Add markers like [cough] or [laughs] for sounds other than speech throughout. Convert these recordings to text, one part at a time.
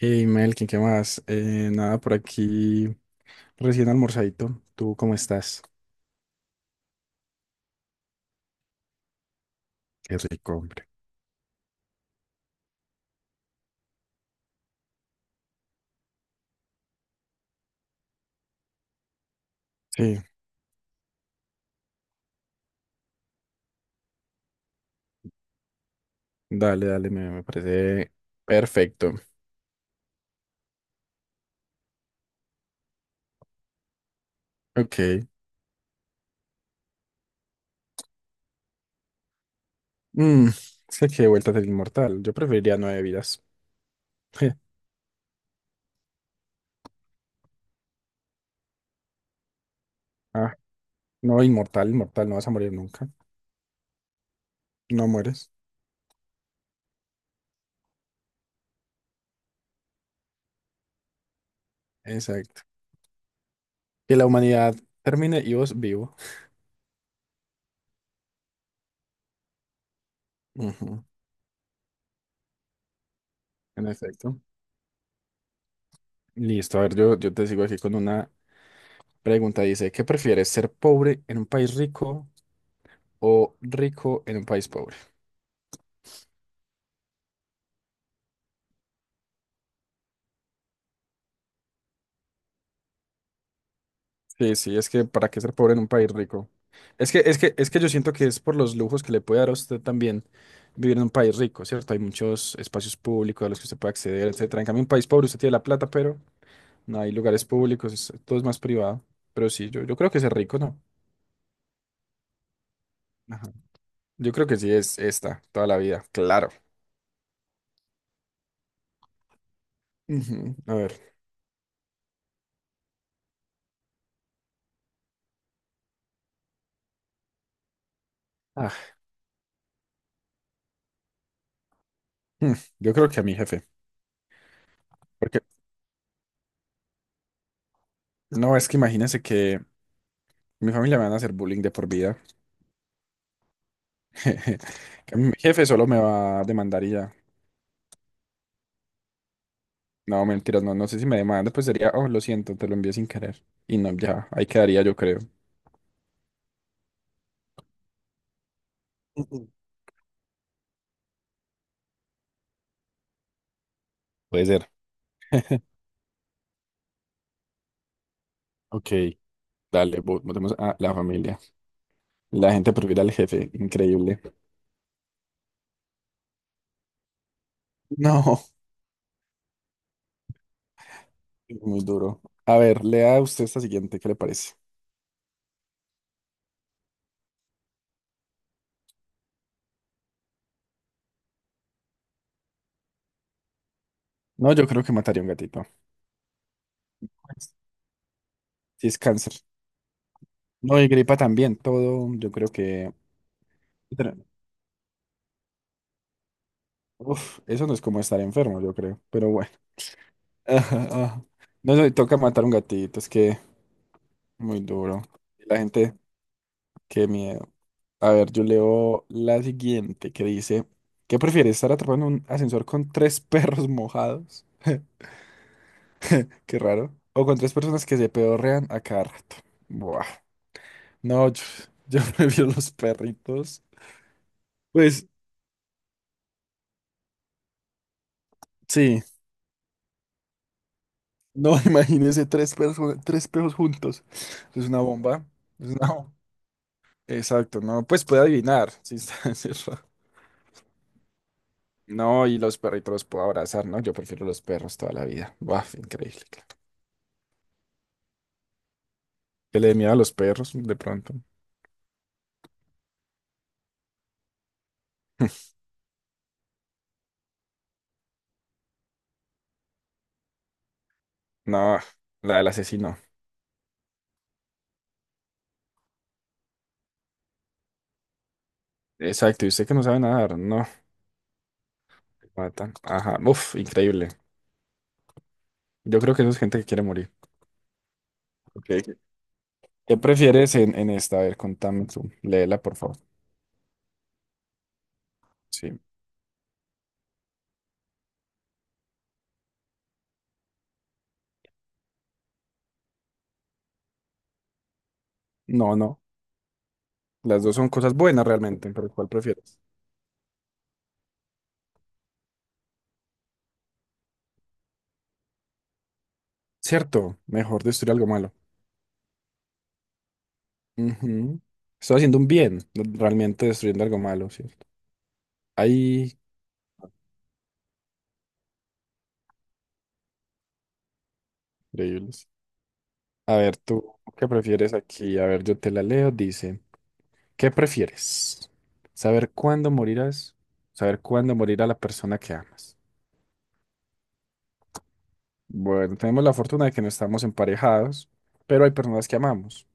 Hey, Melkin, ¿qué más? Nada, por aquí recién almorzadito. ¿Tú cómo estás? Qué rico, hombre. Sí, dale, dale, me parece perfecto. Ok. Mm, Sé que vuelta del inmortal. Yo preferiría nueve vidas. [laughs] Ah, no, inmortal, inmortal, no vas a morir nunca. No mueres. Exacto. Que la humanidad termine y vos vivo. Ujú. En efecto. Listo, a ver, yo te sigo aquí con una pregunta. Dice, ¿qué prefieres, ser pobre en un país rico o rico en un país pobre? Sí, sí, es que ¿para qué ser pobre en un país rico? Es que yo siento que es por los lujos que le puede dar a usted también vivir en un país rico, ¿cierto? Hay muchos espacios públicos a los que usted puede acceder, etcétera. En cambio, en un país pobre usted tiene la plata, pero no hay lugares públicos, todo es más privado. Pero sí, yo creo que ser rico, ¿no? Ajá. Yo creo que sí es esta, toda la vida, claro. Ujú. A ver. Ah, hmm, Yo creo que a mi jefe. Porque No, es que imagínense que mi familia me van a hacer bullying de por vida. [laughs] Que mi jefe solo me va a demandar y ya. No, mentiras, no, no sé si me demanda, pues sería, oh, lo siento, te lo envié sin querer. Y no, ya, ahí quedaría, yo creo. Ujú. Puede ser. Ok, dale, votemos a la familia. La gente prefiere al jefe, increíble. No, [laughs] muy duro. A ver, lea usted esta siguiente, ¿qué le parece? No, yo creo que mataría a un gatito. Si es cáncer. No, y gripa también, todo, yo creo que... Uf, eso no es como estar enfermo, yo creo, pero bueno. Ajá, ajá. No sé, toca matar un gatito, es que muy duro. La gente, qué miedo. A ver, yo leo la siguiente que dice, ¿qué prefieres, estar atrapado en un ascensor con tres [laughs] perros mojados? Qué raro. O con tres personas que se pedorrean a cada rato. Buah. No, Yo [laughs] prefiero los perritos. Pues sí, no, [laughs] imagínense tres perros juntos. Es una bomba. Es una bomba. Exacto, no, pues puede adivinar. Sí, está, [laughs] sí. No, y los perritos los puedo abrazar, ¿no? Yo prefiero los perros toda la vida. Buah, increíble, claro. Que le dé miedo a los perros de pronto. [laughs] No, la del asesino. Exacto, y usted que no sabe nadar, no. Matan. Ajá, uf, increíble. Yo creo que eso es gente que quiere morir. Ok. ¿Qué prefieres en esta? A ver, contame tú. Léela, por favor. Sí. No, no. Las dos son cosas buenas realmente, pero ¿cuál prefieres? Cierto, mejor destruir algo malo. Ujú. Estoy haciendo un bien, realmente destruyendo algo malo, ¿cierto? Ahí, increíble. A ver, ¿qué prefieres aquí? A ver, yo te la leo. Dice, ¿qué prefieres? ¿Saber cuándo morirás? ¿Saber cuándo morirá la persona que amas? Bueno, tenemos la fortuna de que no estamos emparejados, pero hay personas que amamos.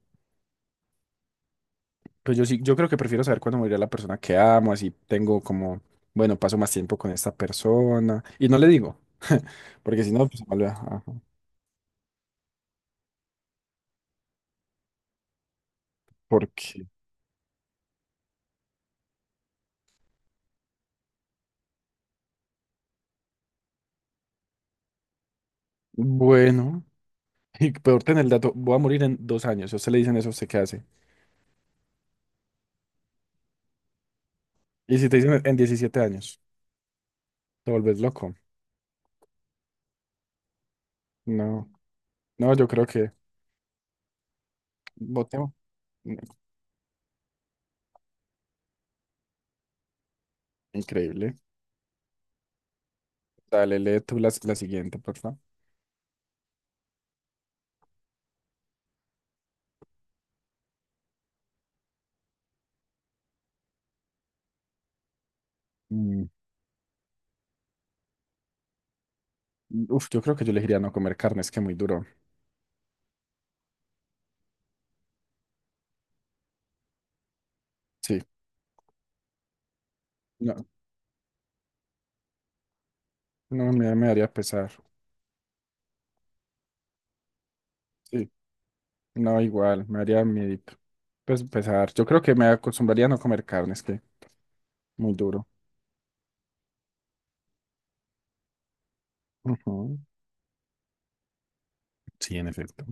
Pues yo sí, yo creo que prefiero saber cuándo morirá la persona que amo, así tengo como, bueno, paso más tiempo con esta persona. Y no le digo, porque si no, pues se me olvida. Ajá. ¿Por Bueno, [laughs] y peor tener el dato, voy a morir en 2 años. Si a usted le dicen eso, ¿usted qué hace? Y si te dicen en 17 años. Te vuelves loco. No, no, Yo creo que votemos. Increíble. Dale, lee tú la siguiente, por favor. Mm, Uf, yo creo que yo elegiría no comer carne, es que muy duro. Sí, no, me haría pesar. Sí, no, igual, me haría miedito. Pues pesar. Yo creo que me acostumbraría a no comer carne, es que muy duro. Ujú. Sí, en efecto.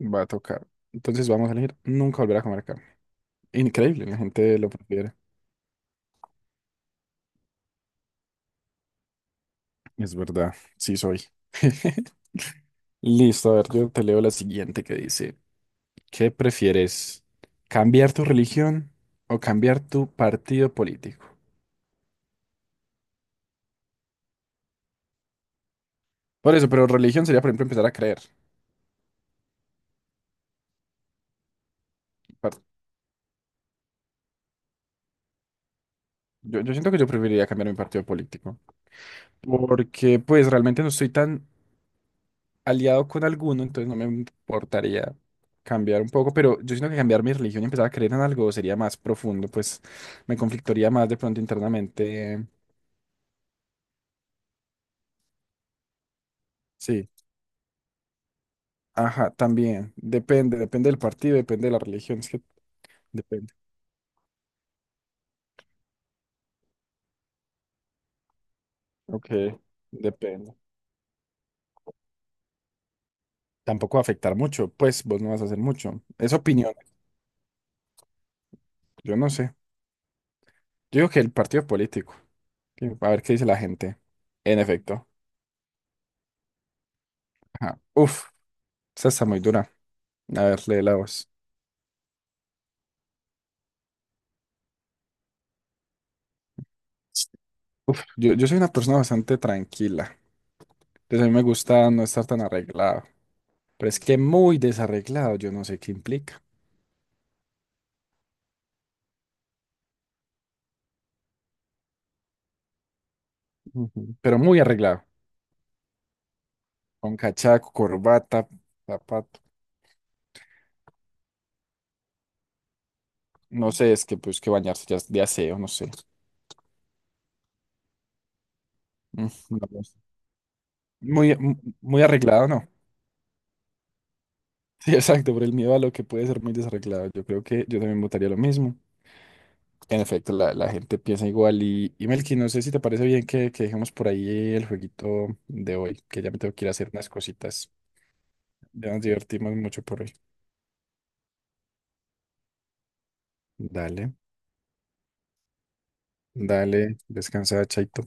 Va a tocar. Entonces vamos a elegir nunca volver a comer carne. Increíble, la gente lo prefiere. Es verdad, sí soy. [laughs] Listo, a ver, yo te leo la siguiente que dice, ¿qué prefieres? ¿Cambiar tu religión o cambiar tu partido político? Por eso, pero religión sería, por ejemplo, empezar a creer. Par- yo siento que yo preferiría cambiar mi partido político, porque pues realmente no estoy tan aliado con alguno, entonces no me importaría cambiar un poco, pero yo siento que cambiar mi religión y empezar a creer en algo sería más profundo, pues me conflictaría más de pronto internamente. Sí. Ajá, también. Depende, depende del partido, depende de la religión. Es que depende. Ok, depende. Tampoco va a afectar mucho, pues vos no vas a hacer mucho. Es opinión, yo no sé. Yo digo que el partido político. A ver qué dice la gente. En efecto. Ajá. Uf, esa está muy dura. A ver, lee la voz. Uf, yo soy una persona bastante tranquila. Entonces a mí me gusta no estar tan arreglado. Pero es que muy desarreglado, yo no sé qué implica. Ujú. Pero muy arreglado. Con cachaco, corbata, zapato. No sé, es que pues que bañarse ya es de aseo, no sé. No lo sé. Muy, Muy arreglado, ¿no? [laughs] Sí, exacto, por el miedo a lo que puede ser muy desarreglado. Yo creo que yo también votaría lo mismo. En efecto, la gente piensa igual. Y Melqui, no sé si te parece bien que dejemos por ahí el jueguito de hoy, que ya me tengo que ir a hacer unas cositas. Ya nos divertimos mucho por hoy. Dale, dale, descansa, chaito.